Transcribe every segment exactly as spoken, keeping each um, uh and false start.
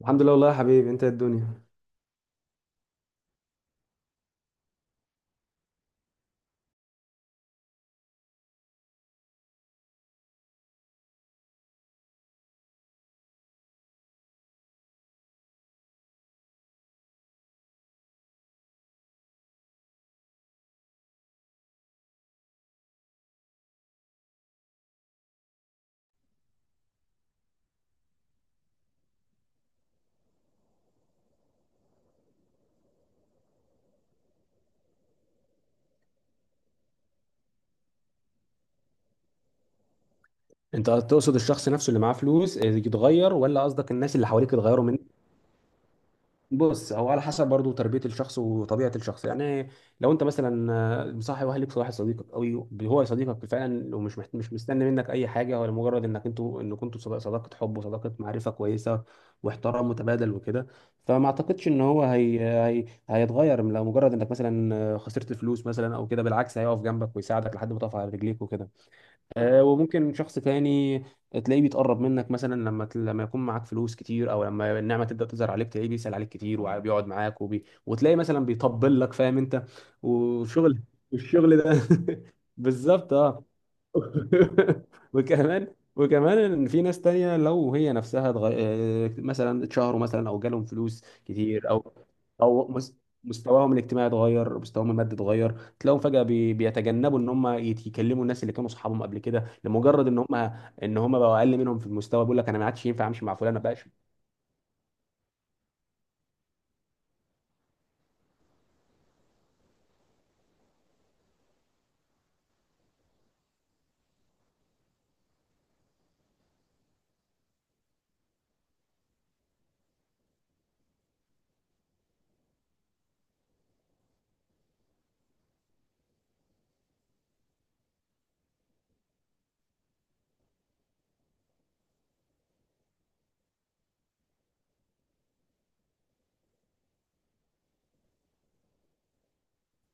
الحمد لله، والله يا حبيبي. انت ايه الدنيا؟ انت تقصد الشخص نفسه اللي معاه فلوس يتغير، ولا قصدك الناس اللي حواليك يتغيروا من؟ بص، هو على حسب برضو تربية الشخص وطبيعة الشخص. يعني لو انت مثلا آه، مصاحب واهلك صاحب صديقك قوي، هو صديقك فعلا ومش محت... مش مستني منك اي حاجة، ولا مجرد انك انتوا ان كنتوا صدا- صداقة حب وصداقة معرفة كويسة واحترام متبادل وكده. فما اعتقدش ان هو هي... هي... هيتغير لو مجرد انك مثلا آه، خسرت فلوس مثلا او كده. بالعكس، هيقف جنبك ويساعدك لحد ما تقف على رجليك وكده. آه، وممكن شخص تاني تلاقيه بيتقرب منك مثلا لما ت- لما يكون معاك فلوس كتير، او لما النعمه تبدا تظهر عليك تلاقيه بيسال عليك كتير وبيقعد معاك وبي... وتلاقي مثلا بيطبل لك. فاهم انت؟ وشغل. والشغل ده بالظبط اه. وكمان وكمان ان في ناس تانية لو هي نفسها اتغ... آه، مثلا اتشهروا مثلا او جالهم فلوس كتير، او او مس... مستواهم الاجتماعي اتغير، مستواهم المادي اتغير، تلاقيهم فجأة بي... بيتجنبوا ان هم يت- يكلموا الناس اللي كانوا صحابهم قبل كده، لمجرد ان هم ان هم بقوا اقل منهم في المستوى. بيقول لك انا ما عادش ينفع امشي مع فلان، ما بقاش.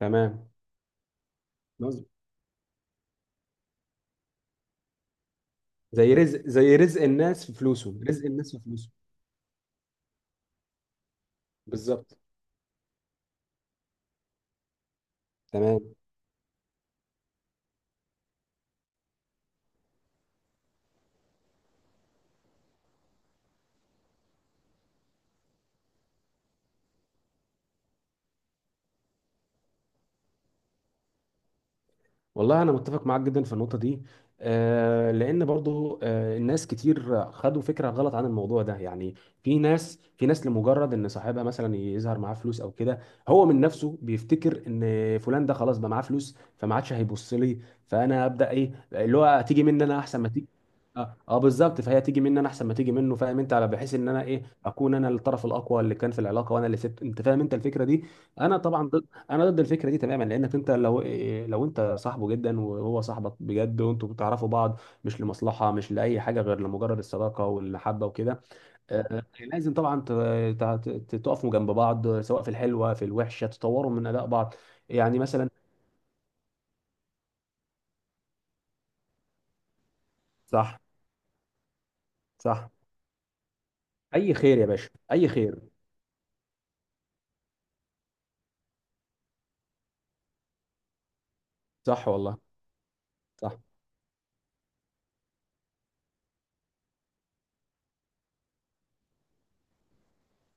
تمام. نظم. زي رزق زي رزق الناس في فلوسهم رزق الناس في فلوسهم. بالظبط. تمام. والله انا متفق معاك جدا في النقطه دي. آه، لان برضو آه الناس كتير خدوا فكره غلط عن الموضوع ده. يعني في ناس في ناس لمجرد ان صاحبها مثلا يظهر معاه فلوس او كده، هو من نفسه بيفتكر ان فلان ده خلاص بقى معاه فلوس فما عادش هيبص لي. فانا ابدا ايه اللي هو تيجي مني انا احسن ما تيجي. اه، آه بالظبط. فهي تيجي مني انا احسن ما تيجي منه. فاهم انت؟ على بحيث ان انا ايه، اكون انا الطرف الاقوى اللي كان في العلاقه، وانا اللي سبت. انت فاهم انت الفكره دي؟ انا طبعا انا ضد الفكره دي تماما. لانك انت لو إيه، لو انت صاحبه جدا وهو صاحبك بجد، وانتوا بتعرفوا بعض مش لمصلحه، مش لاي حاجه غير لمجرد الصداقه والمحبه وكده، آه، لازم طبعا ت- ت- ت- تقفوا جنب بعض، سواء في الحلوه في الوحشه، تطوروا من اداء بعض. يعني مثلا. صح. صح. اي خير يا باشا، اي خير. صح والله. صح.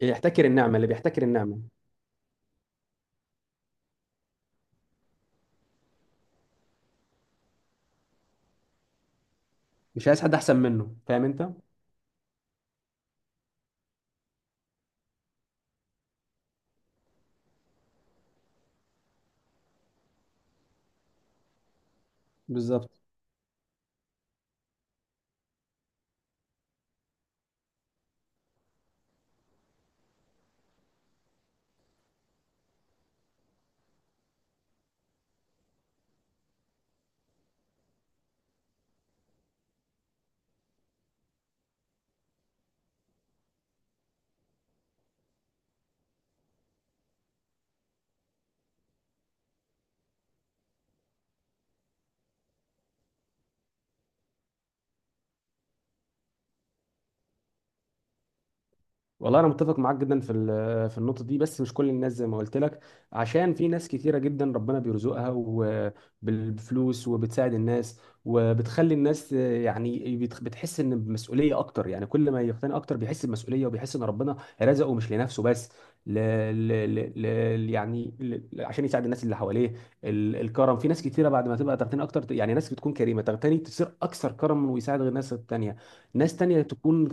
اللي يحتكر النعمه، اللي بيحتكر النعمه. مش عايز حد احسن منه. فاهم انت؟ بالظبط. والله انا متفق معاك جدا في ال- آه، في النقطه دي، بس مش كل الناس زي ما قلت لك. عشان في ناس كتيره جدا ربنا بيرزقها وبالفلوس، وبتساعد الناس وبتخلي الناس يعني بتخ- بتحس ان بمسؤوليه اكتر. يعني كل ما يقتني اكتر بيحس بمسؤوليه، وبيحس ان ربنا رزقه مش لنفسه بس، ل... ل... ل... ل... يعني ل... عشان يساعد الناس اللي حواليه. ال... الكرم في ناس كتيره بعد ما تبقى تغتني اكتر. يعني ناس بتكون كريمه تغتني، تصير اكثر كرما ويساعد غير الناس التانيه. ناس تانية تكون،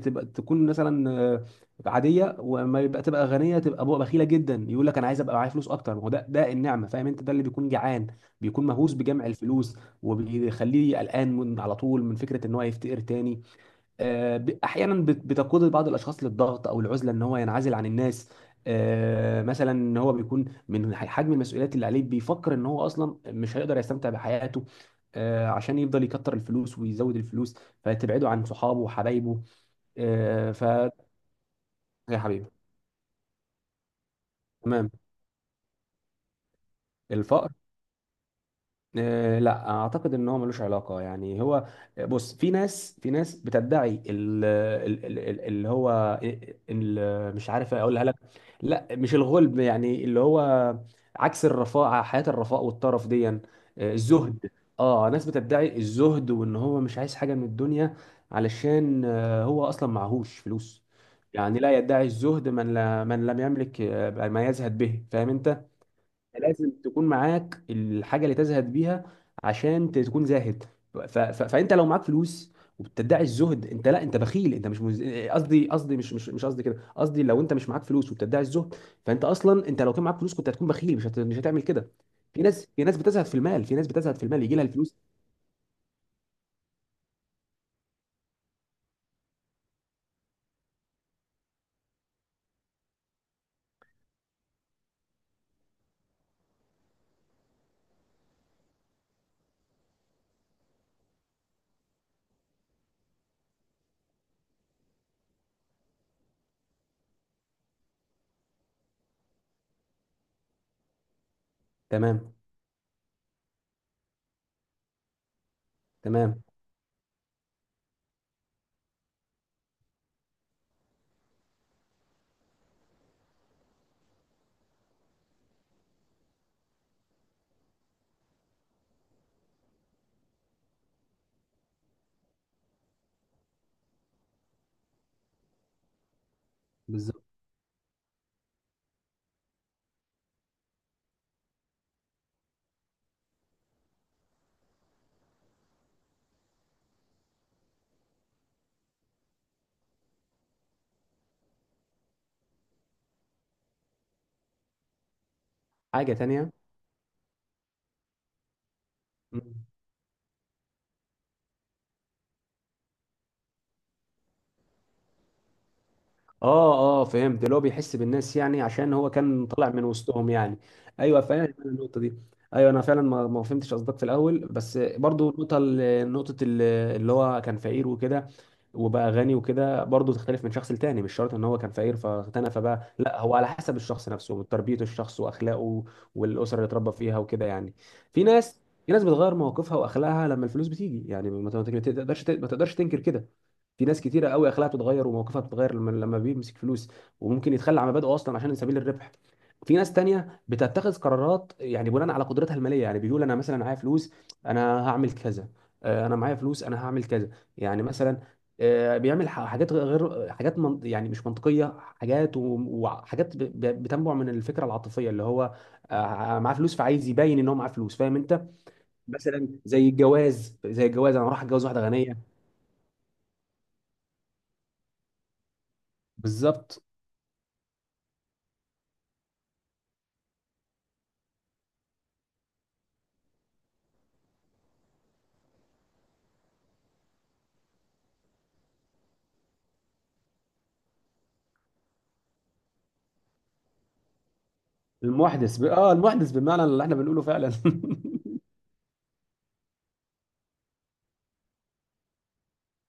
تبقى تكون مثلا عاديه، وما يبقى تبقى غنيه، تبقى بقى بخيله جدا. يقول لك انا عايز ابقى معايا فلوس اكتر، ما هو ده ده النعمه. فاهم انت؟ ده اللي بيكون جعان، بيكون مهووس بجمع الفلوس، وبيخليه قلقان من على طول من فكره ان هو يفتقر تاني. آه، ب- احيانا بت- بتقود بعض الاشخاص للضغط او العزله، ان هو ينعزل عن الناس. آه، مثلا ان هو بيكون من ح- حجم المسؤوليات اللي عليه، بيفكر ان هو اصلا مش هيقدر يستمتع بحياته. آه، عشان يفضل يكتر الفلوس ويزود الفلوس، فتبعده عن صحابه وحبايبه. آه، ف يا حبيبي. تمام. الفقر. آه، لا اعتقد ان هو ملوش علاقه. يعني هو بص، في ناس في ناس بتدعي ال- ال- ال- ال- اللي هو ال- مش عارف اقولها لك. لا، مش الغلب. يعني اللي هو عكس الرفاعه، حياه الرفاء والطرف دي. آه، الزهد. اه، ناس بتدعي الزهد وان هو مش عايز حاجه من الدنيا، علشان آه، هو اصلا معهوش فلوس. يعني لا يدعي الزهد من لا، من لم يملك آه، ما يزهد به. فاهم انت؟ لازم تكون معاك الحاجه اللي تزهد بيها عشان ت- تكون زاهد. ف... ف... فانت لو معاك فلوس وبتدعي الزهد، انت لا، انت بخيل. انت مش مز... قصدي قصدي مش مش مش قصدي كده. قصدي لو انت مش معاك فلوس وبتدعي الزهد، فانت اصلا انت لو كان معاك فلوس كنت هتكون بخيل. مش هت... مش هتعمل كده. في ناس في ناس بتزهد في المال في ناس بتزهد في المال، يجي لها الفلوس. تمام. تمام. بالظبط. حاجه تانيه. اه، اه فهمت. اللي هو بيحس بالناس يعني، عشان هو كان طالع من وسطهم يعني. ايوه، فاهم أنا النقطه دي. ايوه، انا فعلا ما ما فهمتش قصدك في الاول. بس برضو النقطه ال- نقطه ال- اللي هو كان فقير وكده وبقى غني وكده، برضو تختلف من شخص لتاني. مش شرط ان هو كان فقير فاغتنى فبقى، لا، هو على حسب الشخص نفسه وتربية الشخص واخلاقه، والاسره اللي اتربى فيها وكده يعني. في ناس في ناس بتغير مواقفها واخلاقها لما الفلوس بتيجي. يعني ما ما تقدرش ما تقدرش تنكر كده. في ناس كتيره قوي اخلاقها بتتغير ومواقفها بتتغير لما لما بيمسك فلوس. وممكن يتخلى عن مبادئه اصلا عشان سبيل الربح. في ناس تانية بتتخذ قرارات يعني بناء على قدرتها المالية. يعني بيقول أنا مثلا معايا فلوس، أنا هعمل كذا. آه، أنا معايا فلوس أنا هعمل كذا. يعني مثلا آه، بيعمل ح- حاجات غير، حاجات من يعني مش منطقية، حاجات و- وحاجات ب- ب- بتنبع من الفكرة العاطفية اللي هو آه، معاه فلوس، فعايز يبين إن هو معاه فلوس. فاهم أنت؟ مثلا زي الجواز. زي الجواز أنا راح أتجوز واحدة غنية. بالظبط. المحدث ب... اه المحدث بمعنى اللي احنا بنقوله فعلا.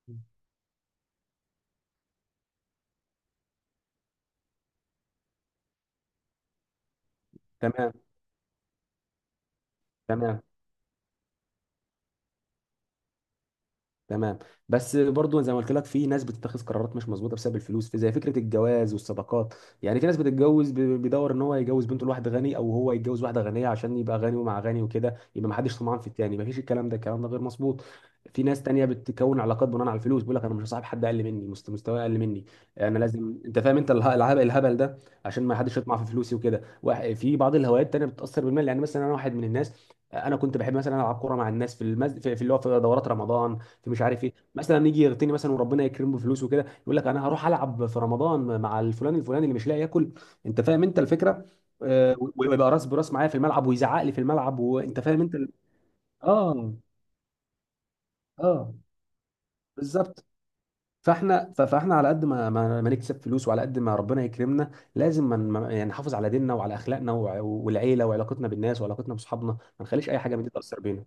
تمام. تمام. تمام. بس برضو زي ما قلت لك في ناس بتتخذ قرارات مش مظبوطه بسبب الفلوس، في زي فكره الجواز والصداقات. يعني في ناس بتتجوز، ب- بيدور ان هو يتجوز بنته لواحد غني، او هو يتجوز واحده غنيه عشان يبقى غني ومع غني وكده، يبقى ما حدش طمعان في التاني. ما فيش. الكلام ده الكلام ده غير مظبوط. في ناس تانية بتكون علاقات بناء على الفلوس. بيقول لك انا مش هصاحب حد اقل مني، مست- مستواه اقل مني، انا لازم. انت فاهم انت اله- الهبل الهبل ده، عشان ما حدش يطمع في فلوسي وكده. واحد- في بعض الهوايات التانية بتتاثر بالمال. يعني مثلا انا واحد من الناس، انا كنت بحب مثلا العب كوره مع الناس في المز... في في اللي هو في دورات رمضان. في مش عارف ايه، مثلا يجي يغتني مثلا وربنا يكرمه بفلوس وكده يقول لك انا هروح العب في رمضان مع الفلان الفلاني اللي مش لاقي ياكل. انت فاهم انت الفكره؟ آه، ويبقى راس براس معايا في الملعب، ويزعق لي في الملعب، وانت فاهم انت ال- اه. اه بالظبط. فاحنا ف- فاحنا على قد ما ما ما نكسب فلوس، وعلى قد ما ربنا يكرمنا، لازم ما ما- يعني نحافظ على ديننا وعلى اخلاقنا وع- والعيله وعلاقتنا بالناس وعلاقتنا باصحابنا، ما نخليش اي حاجه من دي تاثر بينا.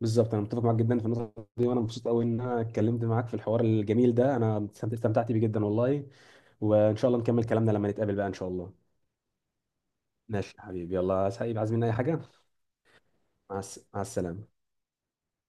بالظبط. انا متفق معاك جدا في النقطه دي، وانا مبسوط قوي ان انا اتكلمت معاك في الحوار الجميل ده. انا استمتعت بيه جدا والله. وان شاء الله نكمل كلامنا لما نتقابل بقى ان شاء الله. ماشي يا حبيبي. يلا، عايز حبيبي، عايز مني اي حاجه؟ مع الس- مع السلامه.